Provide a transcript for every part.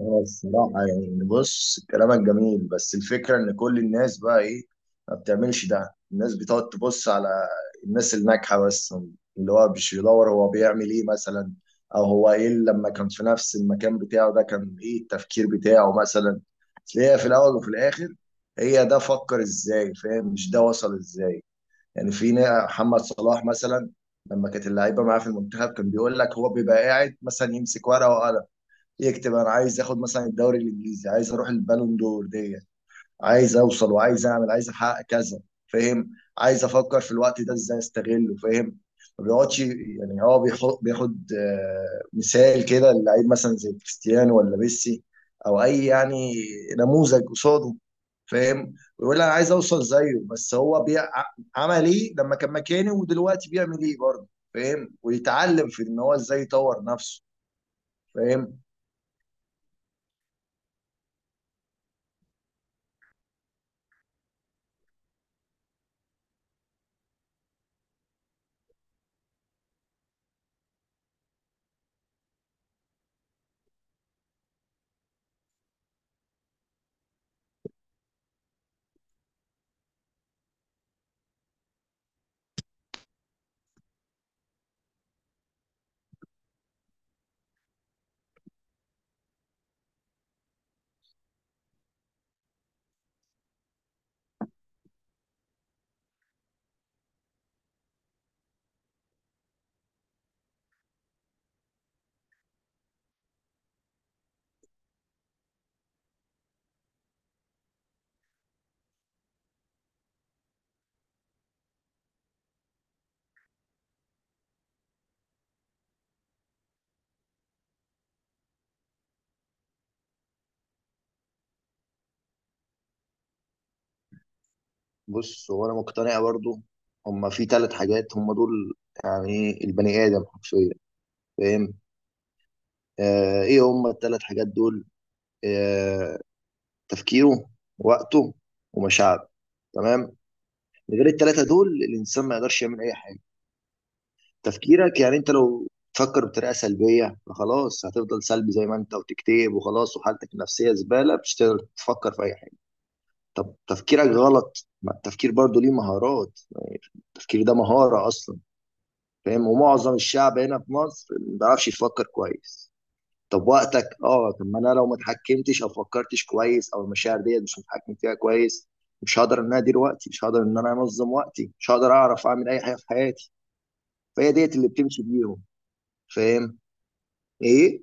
هو الصراحة يعني، بص، كلامك جميل، بس الفكرة إن كل الناس بقى إيه، ما بتعملش ده. الناس بتقعد تبص على الناس الناجحة بس، اللي هو مش بيدور هو بيعمل إيه مثلا، أو هو إيه اللي لما كان في نفس المكان بتاعه ده كان إيه التفكير بتاعه مثلا. أصل هي في الأول وفي الآخر، هي ده فكر إزاي، فاهم؟ مش ده وصل إزاي. يعني محمد صلاح مثلا، لما كانت اللعيبة معاه في المنتخب، كان بيقول لك هو بيبقى قاعد مثلا يمسك ورقة وقلم، يكتب انا عايز اخد مثلا الدوري الانجليزي، عايز اروح البالون دور دي، عايز اوصل، وعايز اعمل، عايز احقق كذا، فاهم؟ عايز افكر في الوقت ده ازاي استغله، فاهم؟ ما بيقعدش. يعني هو بيحط، بياخد مثال كده للعيب مثلا زي كريستيانو ولا ميسي، او اي يعني نموذج قصاده. فاهم؟ ويقول انا عايز اوصل زيه، بس هو عمل ايه لما كان مكاني، ودلوقتي بيعمل ايه برضه. فاهم؟ ويتعلم في ان هو ازاي يطور نفسه. فاهم؟ بص، هو انا مقتنع برضو، هما في ثلاث حاجات هما دول يعني إيه البني ادم حرفيا. فاهم؟ آه، ايه هما الثلاث حاجات دول؟ آه تفكيره، وقته، ومشاعره. تمام. من غير الثلاثه دول الانسان ما يقدرش يعمل اي حاجه. تفكيرك، يعني انت لو تفكر بطريقه سلبيه فخلاص، هتفضل سلبي زي ما انت، وتكتئب، وخلاص وحالتك النفسيه زباله، مش هتقدر تفكر في اي حاجه. طب تفكيرك غلط، ما التفكير برضو ليه مهارات، التفكير ده مهاره اصلا. فاهم؟ ومعظم الشعب هنا في مصر ما بيعرفش يفكر كويس. طب وقتك، طب ما انا لو ما اتحكمتش او فكرتش كويس، او المشاعر ديت مش متحكم فيها كويس، مش هقدر ان انا ادير وقتي، مش هقدر ان انا انظم وقتي، مش هقدر اعرف اعمل اي حاجه في حياتي. فهي ديت اللي بتمشي بيهم. فاهم؟ ايه.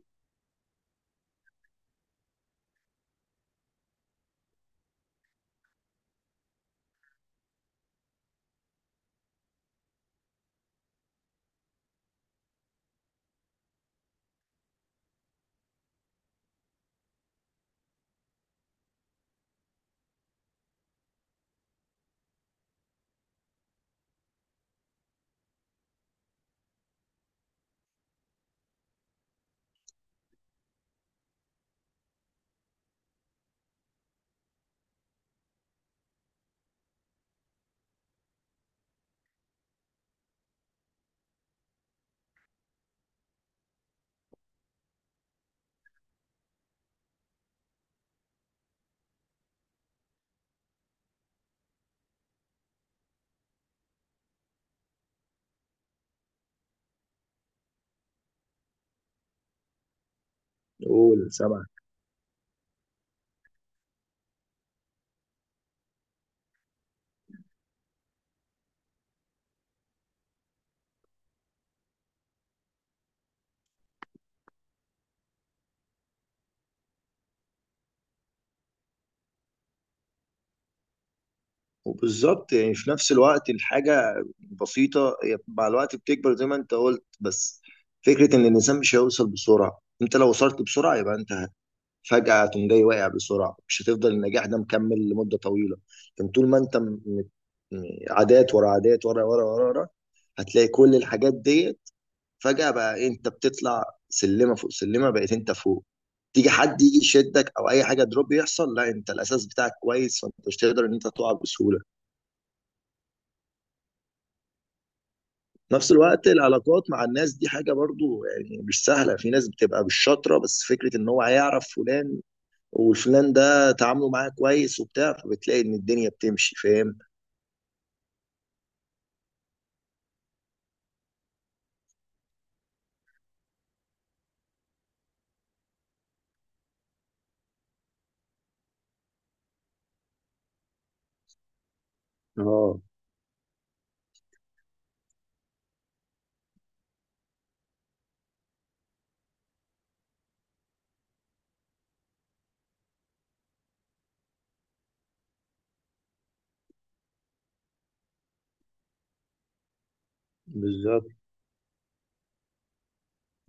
قول، سامع. وبالظبط، يعني في نفس الوقت الحاجه بسيطه هي مع الوقت بتكبر زي ما انت قلت، بس فكره ان الانسان مش هيوصل بسرعه، انت لو وصلت بسرعه يبقى انت فجأة تقوم جاي واقع بسرعة، مش هتفضل النجاح ده مكمل لمدة طويلة. لكن طول ما انت عادات ورا عادات ورا ورا ورا ورا، هتلاقي كل الحاجات ديت فجأة بقى إيه، انت بتطلع سلمة فوق سلمة، بقيت انت فوق. تيجي حد يجي يشدك او اي حاجة دروب يحصل، لا، انت الاساس بتاعك كويس، فانت مش تقدر ان انت تقع بسهولة. نفس الوقت العلاقات مع الناس دي حاجة برضو يعني مش سهلة، في ناس بتبقى بالشطرة، بس فكرة ان هو هيعرف فلان وفلان ده تعامله معاه كويس وبتاع، فبتلاقي ان الدنيا بتمشي. فاهم؟ اه. بالظبط.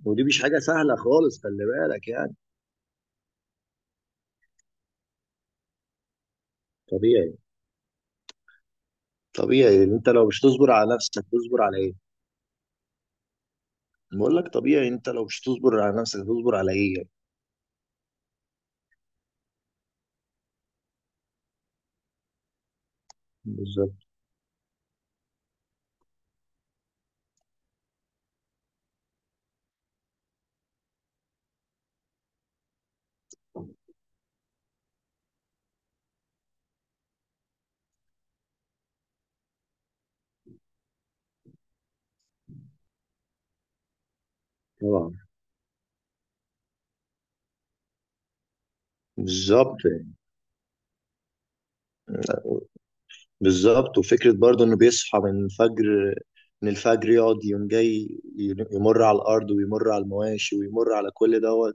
ودي مش حاجة سهلة خالص، خلي بالك يعني. طبيعي. طبيعي، انت لو مش تصبر على نفسك تصبر على ايه. بقول لك، طبيعي، انت لو مش تصبر على نفسك تصبر على ايه يعني. بالظبط. طبعا. بالظبط. بالظبط، وفكرة برضه انه بيصحى من الفجر، من الفجر يقعد يوم جاي، يمر على الارض، ويمر على المواشي، ويمر على كل ده،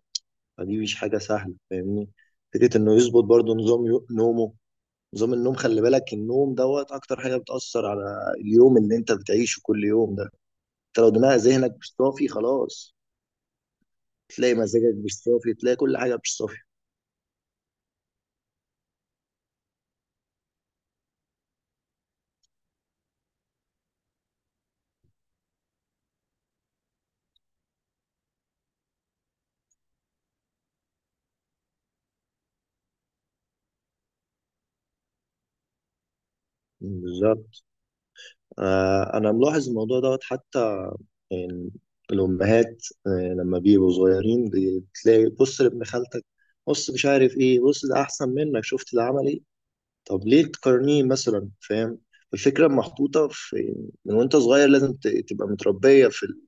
فدي مش حاجة سهلة، فاهمني؟ فكرة إنه يظبط برضه نظام نومه، نظام النوم، خلي بالك، النوم دوت أكتر حاجة بتأثر على اليوم اللي أنت بتعيشه كل يوم ده. أنت لو دماغ ذهنك مش صافي خلاص، تلاقي مزاجك مش صافي، تلاقي كل حاجة مش صافي. بالظبط. آه، أنا ملاحظ الموضوع دوت حتى، يعني الأمهات لما بيبقوا صغيرين، بتلاقي، بص لابن خالتك، بص مش عارف إيه، بص ده أحسن منك، شفت ده عمل إيه، طب ليه تقارنيه مثلا، فاهم؟ الفكرة محطوطة في، من وانت صغير لازم تبقى متربية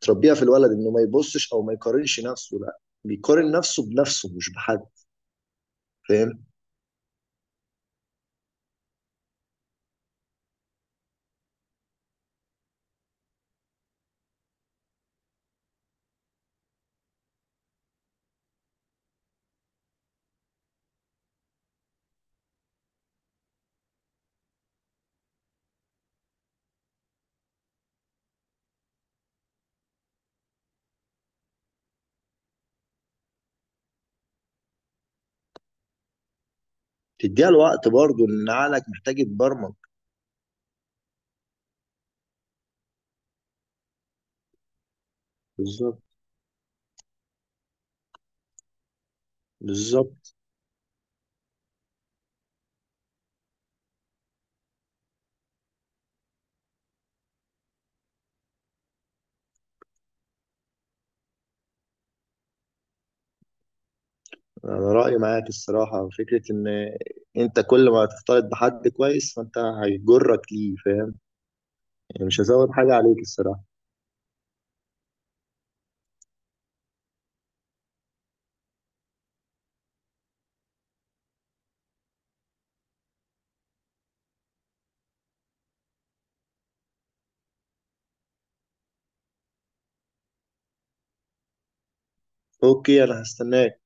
تربيها في الولد انه ما يبصش او ما يقارنش نفسه، لا بيقارن نفسه بنفسه مش بحد. فاهم؟ تديها الوقت برضه، ان عقلك محتاج يتبرمج. بالظبط. بالظبط. انا رأيي معاك الصراحة، فكرة ان انت كل ما تختلط بحد كويس فانت هيجرك ليه. فاهم؟ يعني مش هزود حاجة عليك الصراحة. اوكي، انا هستناك.